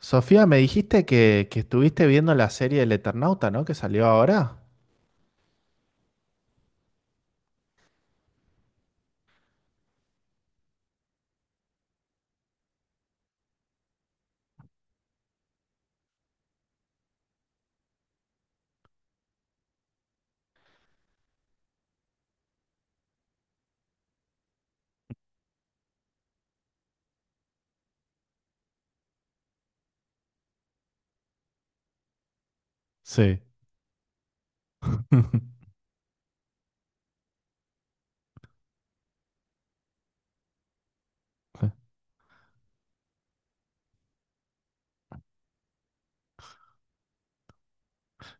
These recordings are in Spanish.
Sofía, me dijiste que estuviste viendo la serie del Eternauta, ¿no? Que salió ahora. Sí.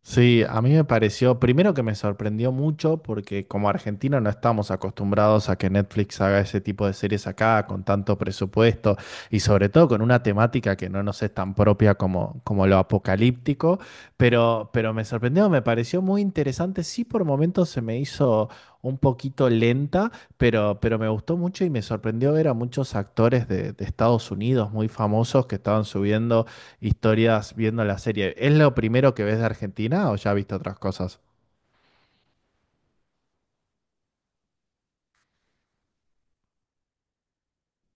Sí, a mí me pareció, primero que me sorprendió mucho porque como argentino no estamos acostumbrados a que Netflix haga ese tipo de series acá con tanto presupuesto y sobre todo con una temática que no nos es tan propia como lo apocalíptico, pero me sorprendió, me pareció muy interesante, sí por momentos se me hizo un poquito lenta, pero me gustó mucho y me sorprendió ver a muchos actores de Estados Unidos muy famosos que estaban subiendo historias viendo la serie. ¿Es lo primero que ves de Argentina o ya viste otras cosas?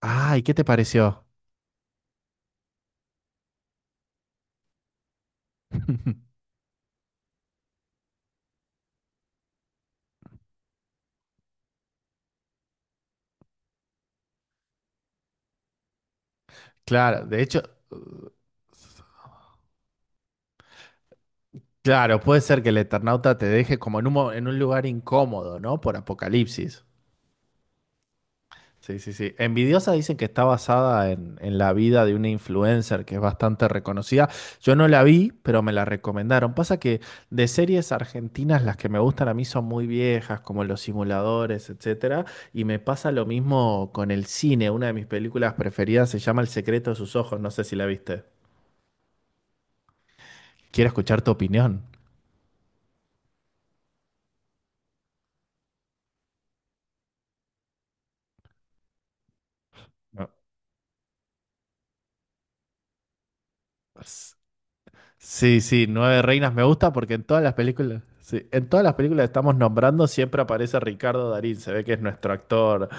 Ah, ¿y qué te pareció? Claro, de hecho, claro, puede ser que el Eternauta te deje como en un, en un lugar incómodo, ¿no? Por Apocalipsis. Sí, sí, sí. Envidiosa dicen que está basada en la vida de una influencer que es bastante reconocida. Yo no la vi, pero me la recomendaron. Pasa que de series argentinas las que me gustan a mí son muy viejas, como Los Simuladores, etcétera. Y me pasa lo mismo con el cine. Una de mis películas preferidas se llama El Secreto de Sus Ojos. No sé si la viste. Quiero escuchar tu opinión. No. Sí, sí, Nueve Reinas me gusta porque en todas las películas, sí, en todas las películas que estamos nombrando siempre aparece Ricardo Darín, se ve que es nuestro actor.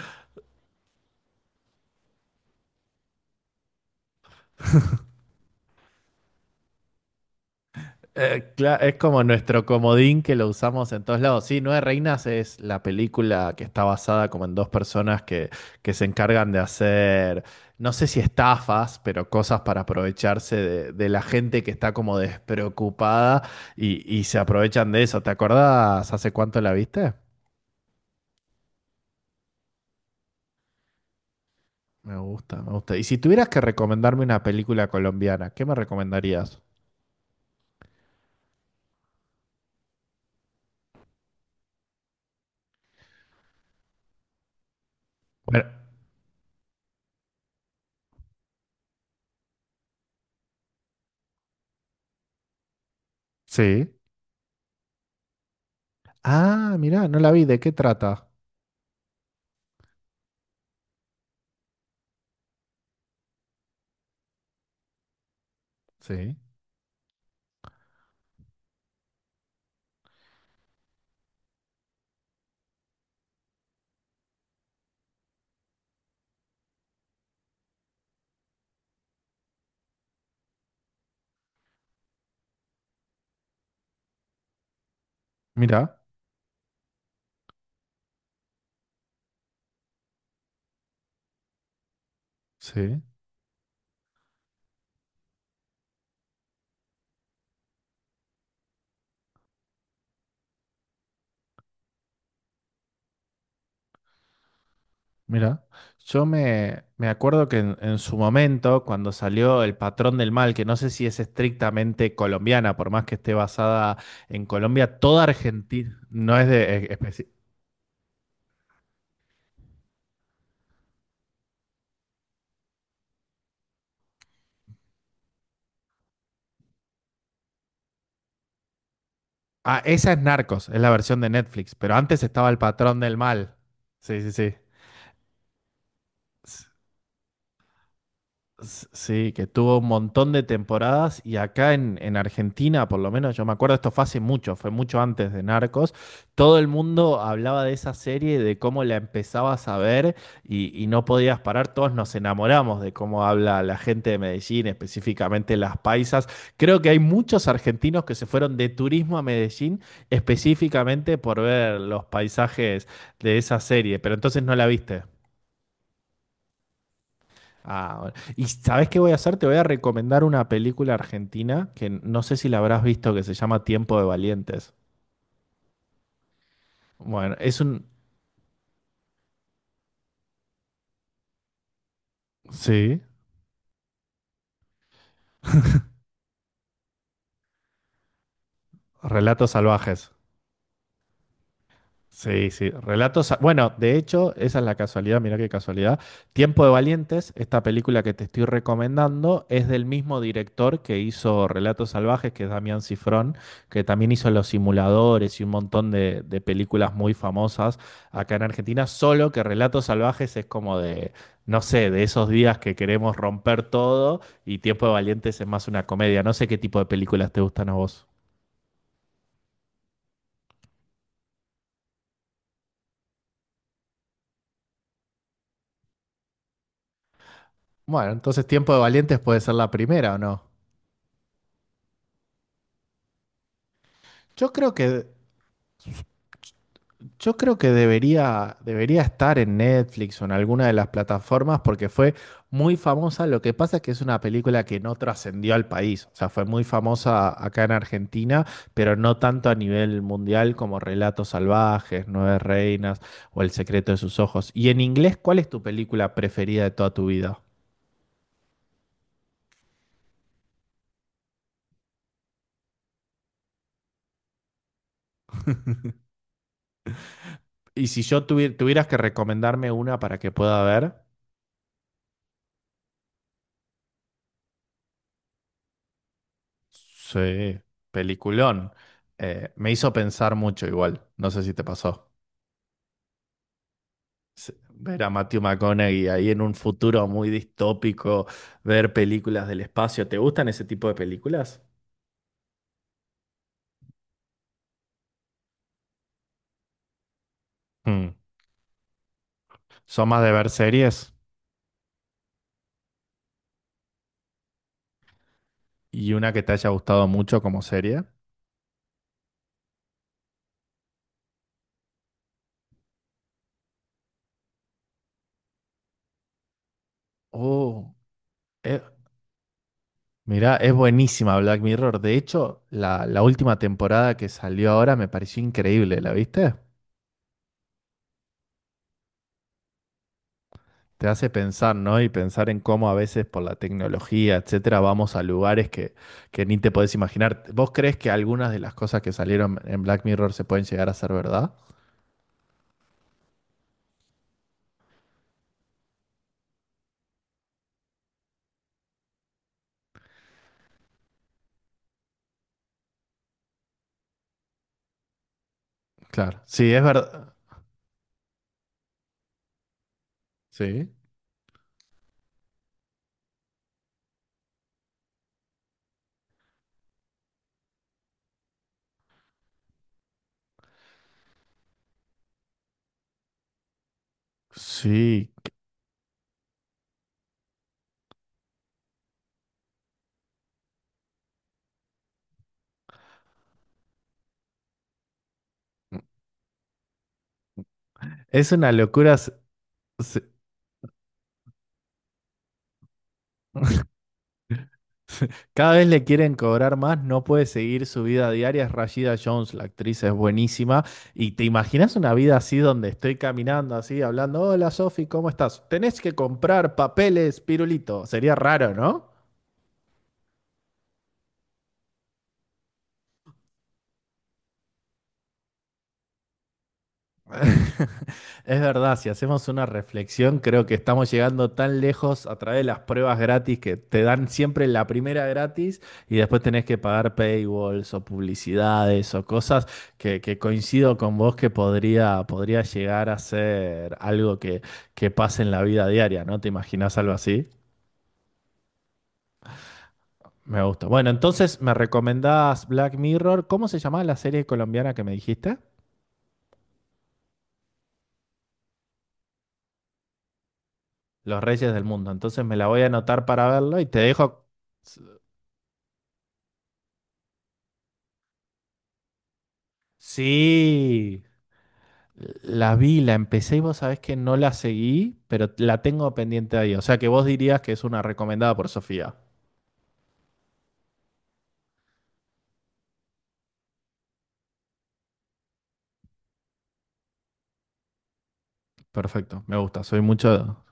Es como nuestro comodín que lo usamos en todos lados. Sí, Nueve Reinas es la película que está basada como en dos personas que se encargan de hacer, no sé si estafas, pero cosas para aprovecharse de la gente que está como despreocupada y se aprovechan de eso. ¿Te acordás hace cuánto la viste? Me gusta, me gusta. Y si tuvieras que recomendarme una película colombiana, ¿qué me recomendarías? Bueno, sí. Ah, mirá, no la vi. ¿De qué trata? Sí, mira, sí. Mira, yo me, me acuerdo que en su momento, cuando salió El Patrón del Mal, que no sé si es estrictamente colombiana, por más que esté basada en Colombia, toda Argentina no es de... Ah, esa es Narcos, es la versión de Netflix, pero antes estaba El Patrón del Mal. Sí, sí, sí. Sí, que tuvo un montón de temporadas y acá en Argentina, por lo menos yo me acuerdo, esto fue hace mucho, fue mucho antes de Narcos, todo el mundo hablaba de esa serie, de cómo la empezabas a ver y no podías parar, todos nos enamoramos de cómo habla la gente de Medellín, específicamente las paisas. Creo que hay muchos argentinos que se fueron de turismo a Medellín específicamente por ver los paisajes de esa serie, pero entonces no la viste. Ah, bueno. ¿Y sabes qué voy a hacer? Te voy a recomendar una película argentina que no sé si la habrás visto, que se llama Tiempo de Valientes. Bueno, es un... Sí, Relatos Salvajes. Sí, sí, relatos. Bueno, de hecho, esa es la casualidad, mira qué casualidad. Tiempo de Valientes, esta película que te estoy recomendando, es del mismo director que hizo Relatos Salvajes, que es Damián Cifrón, que también hizo Los Simuladores y un montón de películas muy famosas acá en Argentina, solo que Relatos Salvajes es como de, no sé, de esos días que queremos romper todo y Tiempo de Valientes es más una comedia. No sé qué tipo de películas te gustan a vos. Bueno, entonces Tiempo de Valientes puede ser la primera, ¿o no? Yo creo que Yo creo que debería, debería estar en Netflix o en alguna de las plataformas porque fue muy famosa. Lo que pasa es que es una película que no trascendió al país. O sea, fue muy famosa acá en Argentina, pero no tanto a nivel mundial como Relatos Salvajes, Nueve Reinas o El Secreto de sus Ojos. Y en inglés, ¿cuál es tu película preferida de toda tu vida? Y si yo tuvieras que recomendarme una para que pueda ver, sí, peliculón. Me hizo pensar mucho igual. No sé si te pasó. Sí, ver a Matthew McConaughey ahí en un futuro muy distópico, ver películas del espacio. ¿Te gustan ese tipo de películas? Mm. ¿Son más de ver series? ¿Y una que te haya gustado mucho como serie? Oh, eh, mirá, es buenísima Black Mirror. De hecho, la última temporada que salió ahora me pareció increíble, ¿la viste? Te hace pensar, ¿no? Y pensar en cómo a veces por la tecnología, etcétera, vamos a lugares que ni te podés imaginar. ¿Vos crees que algunas de las cosas que salieron en Black Mirror se pueden llegar a ser verdad? Claro. Sí, es verdad. Sí. Sí. Es una locura. S- Cada vez le quieren cobrar más, no puede seguir su vida diaria. Es Rashida Jones, la actriz es buenísima. Y te imaginas una vida así donde estoy caminando así, hablando, hola Sofi, ¿cómo estás? Tenés que comprar papeles, pirulito. Sería raro, ¿no? Es verdad, si hacemos una reflexión, creo que estamos llegando tan lejos a través de las pruebas gratis que te dan siempre la primera gratis y después tenés que pagar paywalls o publicidades o cosas que coincido con vos que podría, podría llegar a ser algo que pase en la vida diaria, ¿no? ¿Te imaginás algo así? Me gusta. Bueno, entonces me recomendás Black Mirror. ¿Cómo se llamaba la serie colombiana que me dijiste? Los Reyes del Mundo. Entonces me la voy a anotar para verlo y te dejo. Sí, la vi, la empecé y vos sabés que no la seguí, pero la tengo pendiente ahí. O sea que vos dirías que es una recomendada por Sofía. Perfecto, me gusta, soy mucho...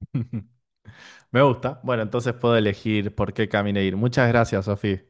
Me gusta. Bueno, entonces puedo elegir por qué camino ir. Muchas gracias, Sofía.